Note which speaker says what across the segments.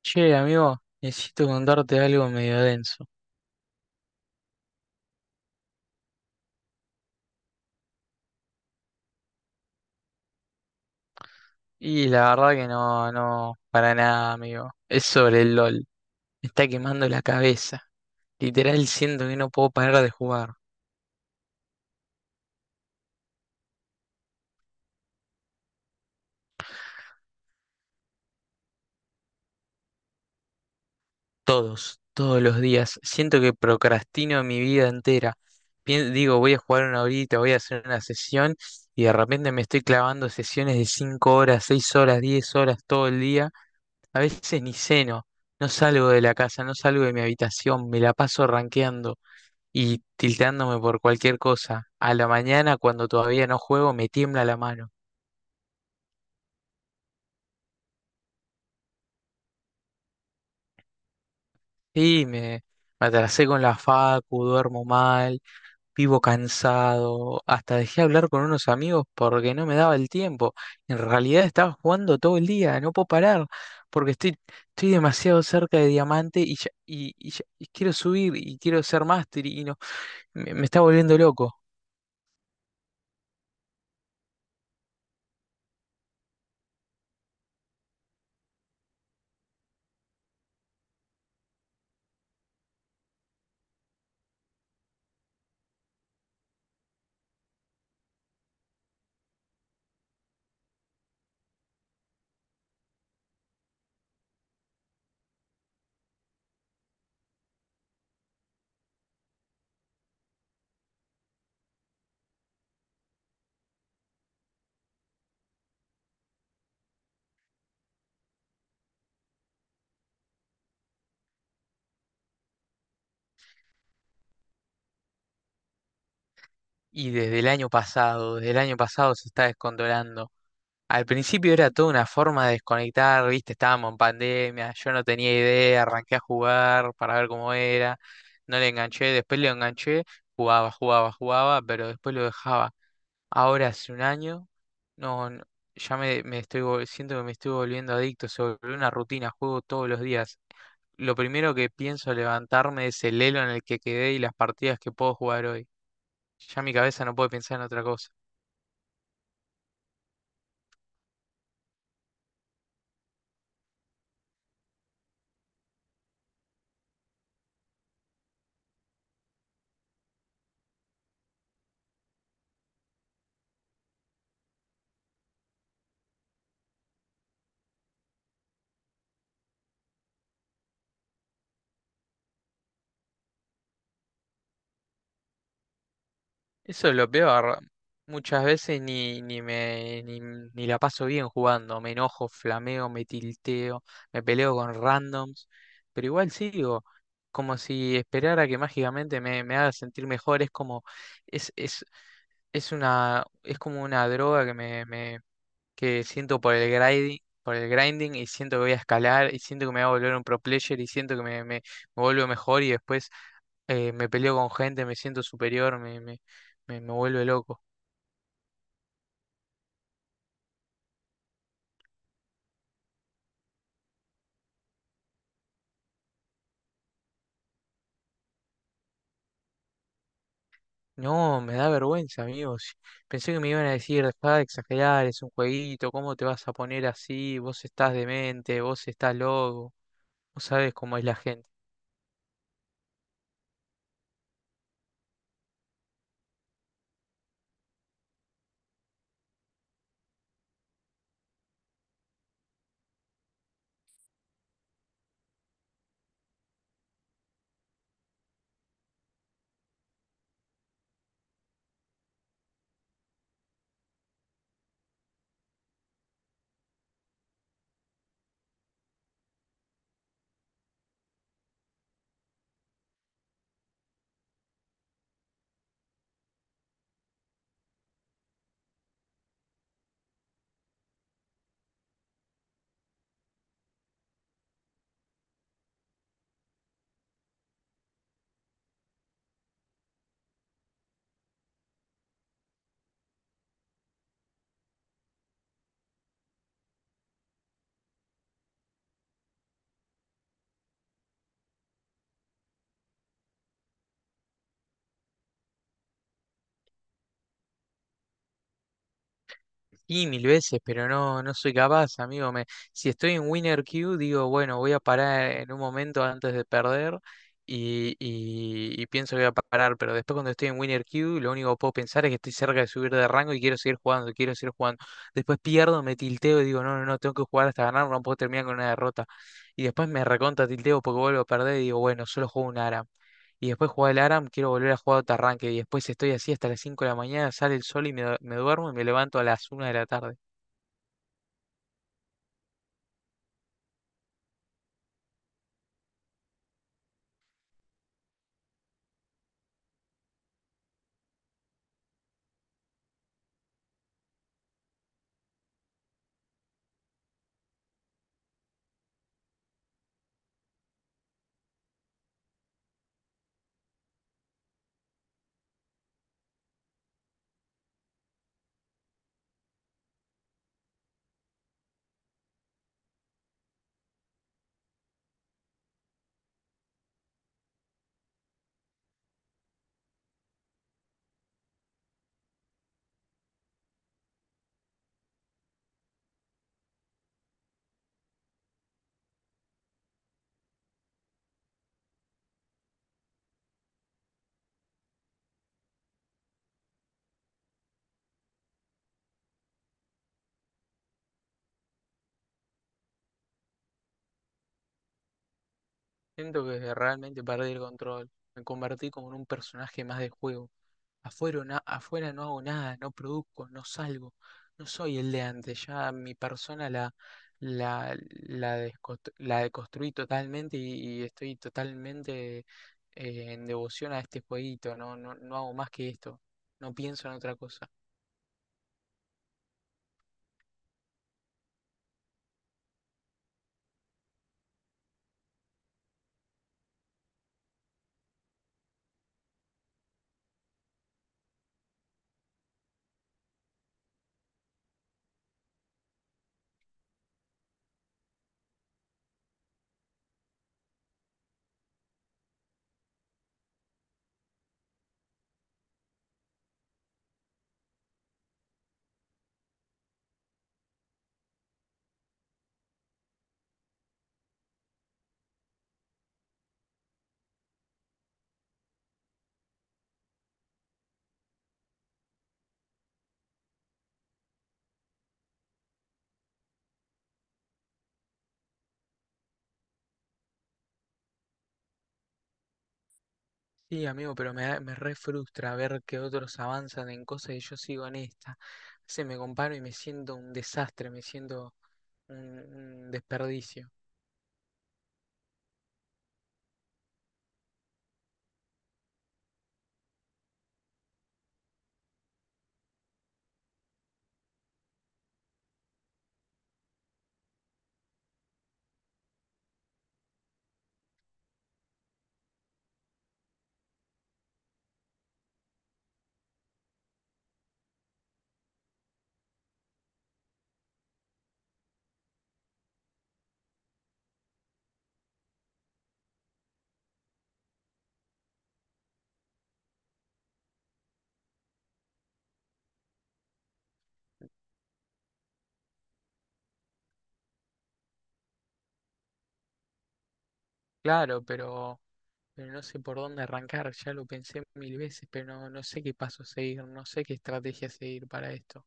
Speaker 1: Che, amigo, necesito contarte algo medio denso. Y la verdad que no, no, para nada, amigo. Es sobre el LOL. Me está quemando la cabeza. Literal siento que no puedo parar de jugar. Todos, todos los días. Siento que procrastino mi vida entera. Digo, voy a jugar una horita, voy a hacer una sesión y de repente me estoy clavando sesiones de 5 horas, 6 horas, 10 horas todo el día. A veces ni ceno. No salgo de la casa, no salgo de mi habitación, me la paso rankeando y tilteándome por cualquier cosa. A la mañana, cuando todavía no juego, me tiembla la mano. Y me, me atrasé con la facu, duermo mal, vivo cansado. Hasta dejé hablar con unos amigos porque no me daba el tiempo. En realidad estaba jugando todo el día, no puedo parar porque estoy demasiado cerca de diamante y quiero subir y quiero ser máster y no, me está volviendo loco. Y desde el año pasado, desde el año pasado se está descontrolando. Al principio era toda una forma de desconectar, viste, estábamos en pandemia, yo no tenía idea, arranqué a jugar para ver cómo era, no le enganché, después le enganché, jugaba, jugaba, jugaba, pero después lo dejaba. Ahora hace un año, no, no, ya me siento que me estoy volviendo adicto, se volvió una rutina, juego todos los días. Lo primero que pienso levantarme es el elo en el que quedé y las partidas que puedo jugar hoy. Ya mi cabeza no puede pensar en otra cosa. Eso es lo peor. Muchas veces ni, ni me ni, ni la paso bien jugando. Me enojo, flameo, me tilteo, me peleo con randoms, pero igual sigo. Como si esperara que mágicamente me haga sentir mejor. Es como, es, es, es una, es como una droga que que siento por el grinding y siento que voy a escalar y siento que me voy a volver un pro player y siento que me vuelvo mejor y después me peleo con gente, me siento superior, me vuelve loco. No, me da vergüenza, amigos. Pensé que me iban a decir, dejá de exagerar, es un jueguito, ¿cómo te vas a poner así? Vos estás demente, vos estás loco, vos sabés cómo es la gente. Sí, mil veces, pero no, no soy capaz, amigo. Me, si estoy en Winner Q, digo, bueno, voy a parar en un momento antes de perder y pienso que voy a parar, pero después cuando estoy en Winner Q, lo único que puedo pensar es que estoy cerca de subir de rango y quiero seguir jugando, quiero seguir jugando. Después pierdo, me tilteo y digo, no, no, no, tengo que jugar hasta ganar, no puedo terminar con una derrota. Y después me recontra tilteo porque vuelvo a perder y digo, bueno, solo juego un ARAM. Y después jugar el ARAM, quiero volver a jugar otro arranque. Y después estoy así hasta las 5 de la mañana, sale el sol y me duermo y me levanto a las una de la tarde. Siento que realmente perdí el control. Me convertí como en un personaje más del juego. Afuera no hago nada, no produzco, no salgo. No soy el de antes. Ya mi persona la, la deconstruí totalmente y estoy totalmente en devoción a este jueguito. No, no, no hago más que esto. No pienso en otra cosa. Sí, amigo, pero me re frustra ver que otros avanzan en cosas y yo sigo en esta. Se me comparo y me siento un desastre, me siento un, un desperdicio. Claro, pero no sé por dónde arrancar, ya lo pensé mil veces, pero no, no sé qué paso seguir, no sé qué estrategia seguir para esto.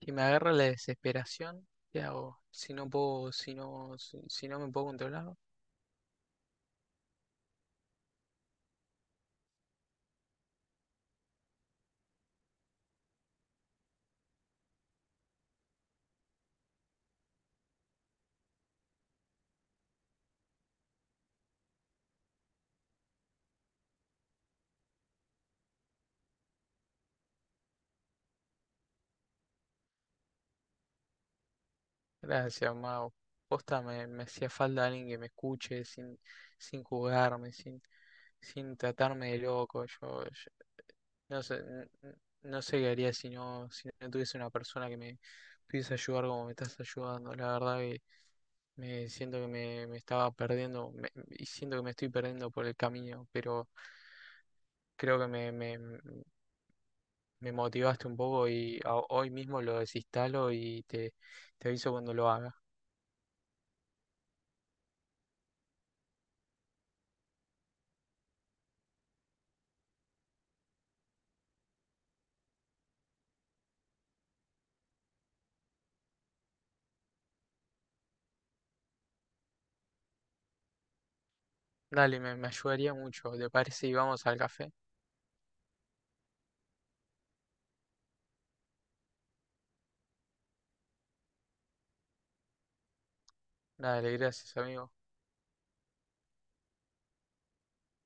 Speaker 1: Si me agarra la desesperación, ¿qué hago? Si no puedo, si no, si, si no me puedo controlar, gracias, Mau. Posta, me hacía falta alguien que me escuche sin, sin juzgarme, sin, sin tratarme de loco. Yo no sé, no sé qué haría si no, si no tuviese una persona que me pudiese ayudar como me estás ayudando. La verdad que me siento que me estaba perdiendo me- y siento que me estoy perdiendo por el camino, pero creo que me motivaste un poco hoy mismo lo desinstalo y te aviso cuando lo haga. Dale, me ayudaría mucho. ¿Te parece? Y vamos al café. Dale, gracias, amigo.